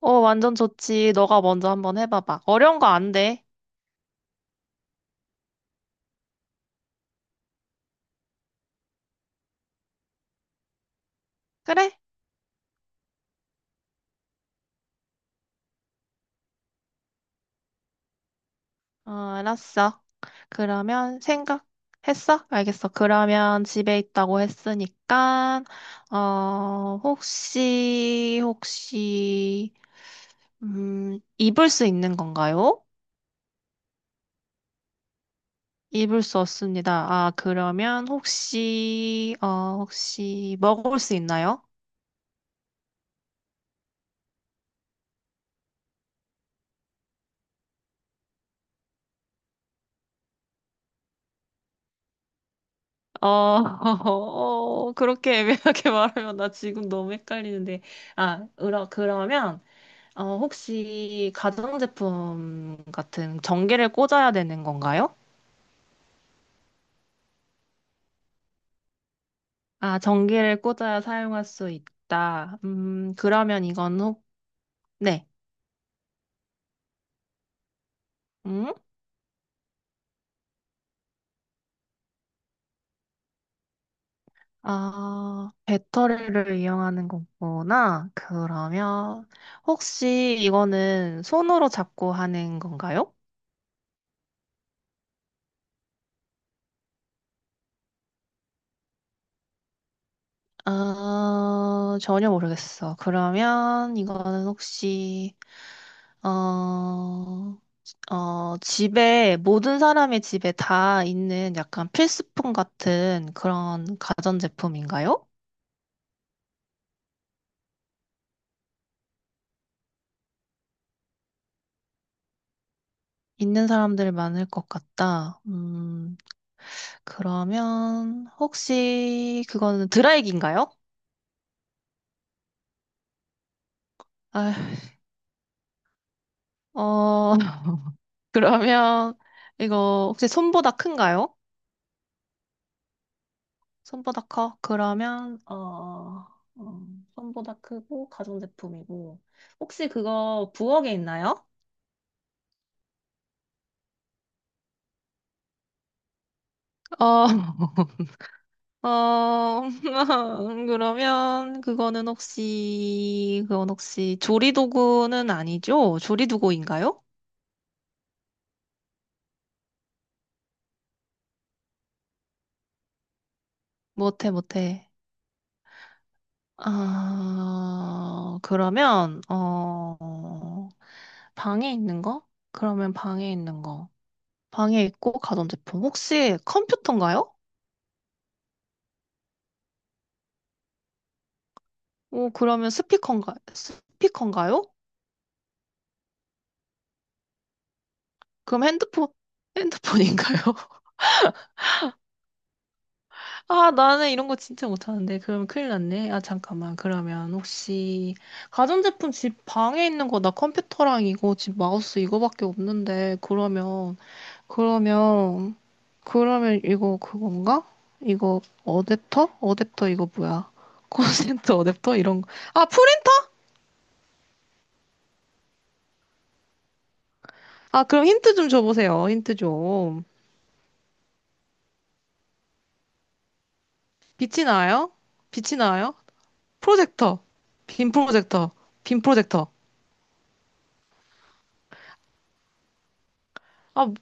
어, 완전 좋지. 너가 먼저 한번 해봐봐. 어려운 거 안 돼. 그래? 어, 알았어. 그러면 생각했어? 알겠어. 그러면 집에 있다고 했으니까, 혹시, 입을 수 있는 건가요? 입을 수 없습니다. 아, 그러면 혹시 먹을 수 있나요? 어, 그렇게 애매하게 말하면 나 지금 너무 헷갈리는데. 아, 그러면, 혹시 가전제품 같은 전기를 꽂아야 되는 건가요? 아, 전기를 꽂아야 사용할 수 있다. 그러면 이건 네. 음? 아, 배터리를 이용하는 거구나. 그러면, 혹시 이거는 손으로 잡고 하는 건가요? 아, 전혀 모르겠어. 그러면 이거는 혹시 어, 집에 모든 사람의 집에 다 있는 약간 필수품 같은 그런 가전제품인가요? 있는 사람들 많을 것 같다. 그러면 혹시 그거는 드라이기인가요? 아, 어, 그러면 이거 혹시 손보다 큰가요? 손보다 커? 그러면 어, 손보다 크고 가전제품이고 혹시 그거 부엌에 있나요? 어, 어, 그러면 그건 혹시 조리도구는 아니죠? 조리도구인가요? 못해, 못해. 아, 그러면, 방에 있는 거? 그러면 방에 있는 거. 방에 있고 가전제품. 혹시 컴퓨터인가요? 오, 그러면 스피커인가요? 그럼 핸드폰인가요? 아, 나는 이런 거 진짜 못하는데. 그럼 큰일 났네. 아, 잠깐만. 그러면 혹시, 가전제품 집 방에 있는 거, 나 컴퓨터랑 이거, 집 마우스 이거밖에 없는데. 그러면, 그러면 이거 그건가? 이거 어댑터? 어댑터 이거 뭐야? 콘센트 어댑터? 이런 거. 아, 프린터? 아, 그럼 힌트 좀 줘보세요. 힌트 좀. 빛이 나요? 빛이 나요? 프로젝터. 빔 프로젝터. 빔 프로젝터. 아,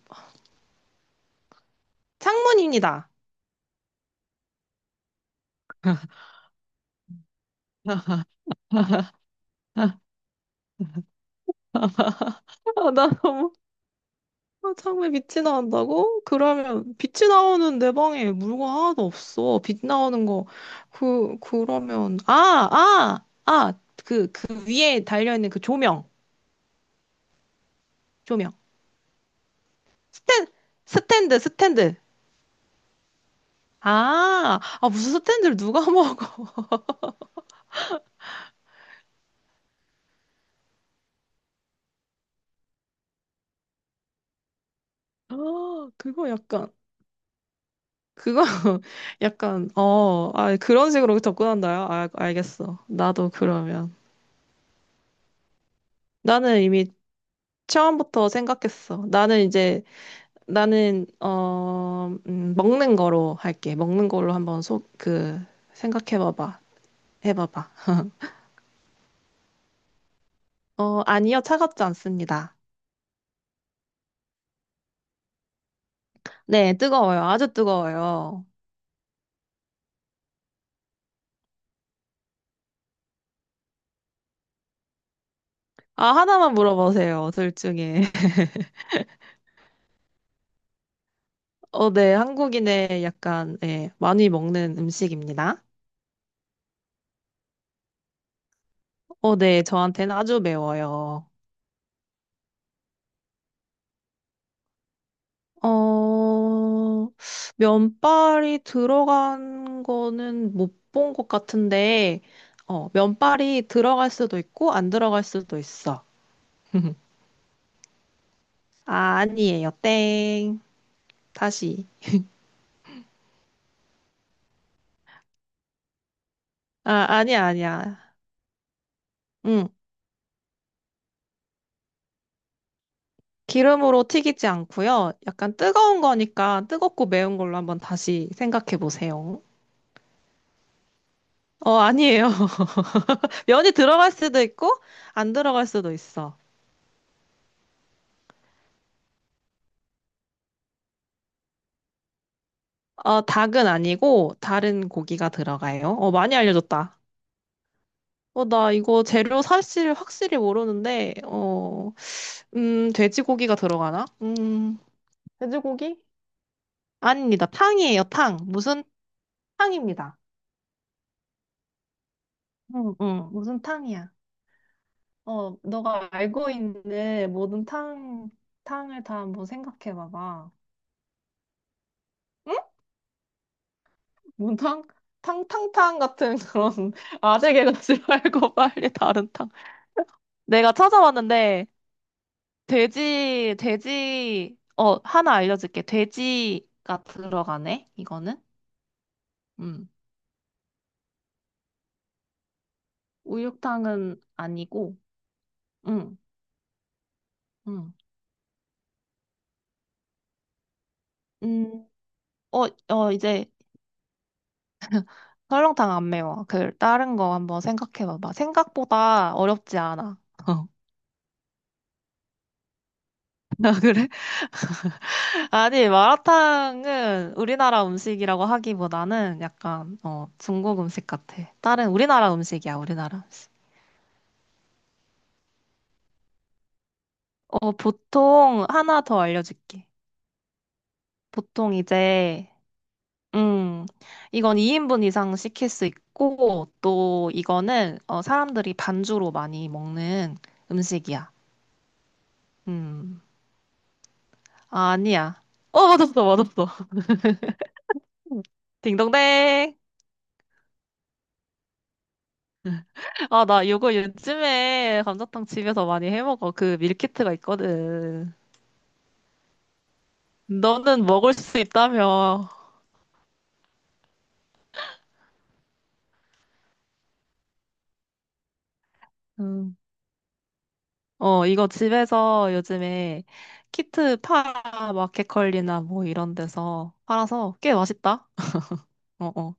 창문입니다. 아, 창문에 빛이 나온다고? 그러면 빛이 나오는 내 방에 물건 하나도 없어. 빛 나오는 거. 그러면 아. 그 위에 달려 있는 그 조명. 조명. 스탠 스탠드 스탠드. 아, 아 무슨 스탠드를 누가 먹어? 아, 그거 약간 그거 약간 그런 식으로 접근한다요? 아, 알겠어. 나도 그러면 나는 이미 처음부터 생각했어. 나는 먹는 거로 할게. 먹는 걸로 한번 속그 생각해봐봐. 해봐봐. 어, 아니요, 차갑지 않습니다. 네, 뜨거워요. 아주 뜨거워요. 아, 하나만 물어보세요. 둘 중에. 어, 네, 한국인의 약간 예 많이 먹는 음식입니다. 어, 네, 저한테는 아주 매워요. 어, 면발이 들어간 거는 못 본 것 같은데, 면발이 들어갈 수도 있고, 안 들어갈 수도 있어. 아, 아니에요. 땡. 다시. 아, 아니야, 아니야. 응. 기름으로 튀기지 않고요. 약간 뜨거운 거니까 뜨겁고 매운 걸로 한번 다시 생각해 보세요. 아니에요. 면이 들어갈 수도 있고, 안 들어갈 수도 있어. 닭은 아니고 다른 고기가 들어가요. 많이 알려줬다. 나 이거 재료 사실 확실히 모르는데, 돼지고기가 들어가나? 돼지고기? 아닙니다. 탕이에요, 탕. 무슨 탕입니다. 응, 응. 무슨 탕이야? 너가 알고 있는 모든 탕, 탕을 다 한번 생각해 봐봐. 응? 뭔 탕? 탕탕탕 같은 그런 아재 개그 싫어할 빨리 다른 탕. 내가 찾아봤는데, 하나 알려줄게. 돼지가 들어가네, 이거는. 음. 우육탕은 아니고, 음, 음. 음, 이제 설렁탕 안 매워. 다른 거 한번 생각해봐봐. 생각보다 어렵지 않아. 어. 아, 그래? 아니, 마라탕은 우리나라 음식이라고 하기보다는 약간, 중국 음식 같아. 다른 우리나라 음식이야, 우리나라 음식. 보통 하나 더 알려줄게. 보통 이제 음, 이건 2인분 이상 시킬 수 있고, 또 이거는 사람들이 반주로 많이 먹는 음식이야. 음, 아, 아니야. 맞았어, 맞았어. 딩동댕. 아, 나 이거 요즘에 감자탕 집에서 많이 해 먹어. 그 밀키트가 있거든. 너는 먹을 수 있다며. 음. 이거 집에서 요즘에 키트 파 마켓컬리나 뭐 이런 데서 팔아서 꽤 맛있다. 어, 어.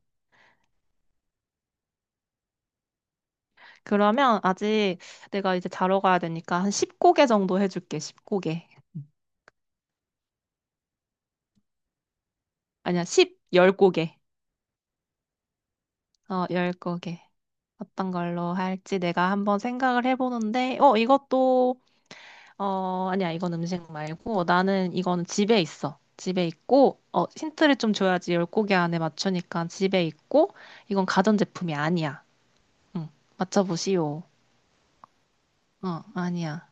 그러면 아직 내가 이제 자러 가야 되니까 한 10고개 정도 해줄게. 10고개. 아니야, 10고개. 10고개. 어떤 걸로 할지 내가 한번 생각을 해보는데, 아니야, 이건 음식 말고, 나는 이거는 집에 있어. 집에 있고, 힌트를 좀 줘야지 10고개 안에 맞추니까 집에 있고, 이건 가전제품이 아니야. 응, 맞춰보시오. 어, 아니야.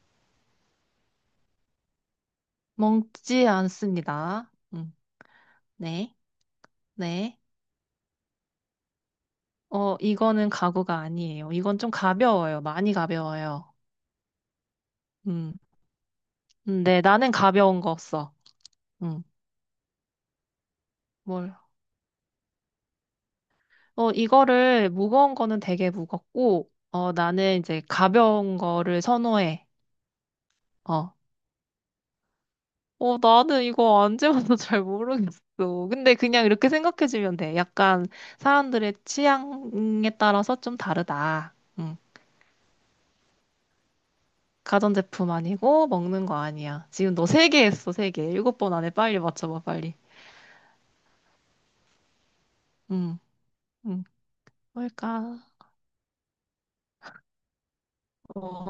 먹지 않습니다. 응, 네, 네. 이거는 가구가 아니에요. 이건 좀 가벼워요. 많이 가벼워요. 음. 근데 나는 가벼운 거 없어. 음. 뭘? 이거를 무거운 거는 되게 무겁고, 나는 이제 가벼운 거를 선호해. 어. 나는 이거 안 재봐서 잘 모르겠어. 근데 그냥 이렇게 생각해주면 돼. 약간 사람들의 취향에 따라서 좀 다르다. 음. 가전제품 아니고 먹는 거 아니야. 지금 너 세 개 했어, 세 개. 일곱 번 안에 빨리 맞춰봐, 빨리. 음. 음. 뭘까? 어,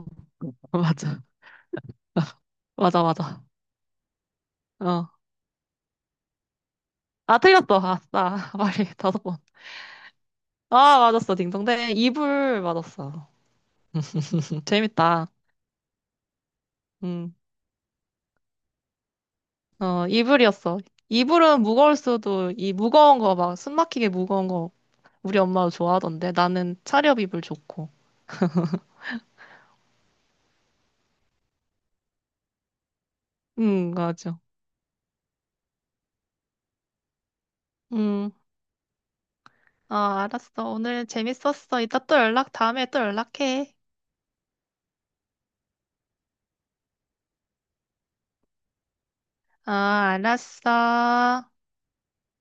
맞아. 맞아, 맞아. 어. 아, 틀렸어. 아싸. 빨리 다섯 번. 아, 맞았어. 딩동댕. 이불 맞았어. 재밌다. 음. 이불이었어. 이불은 무거울 수도, 이 무거운 거 막, 숨 막히게 무거운 거 우리 엄마도 좋아하던데. 나는 차렵 이불 좋고. 맞아. 음. 아, 알았어. 오늘 재밌었어. 이따 다음에 또 연락해. 아, 알았어.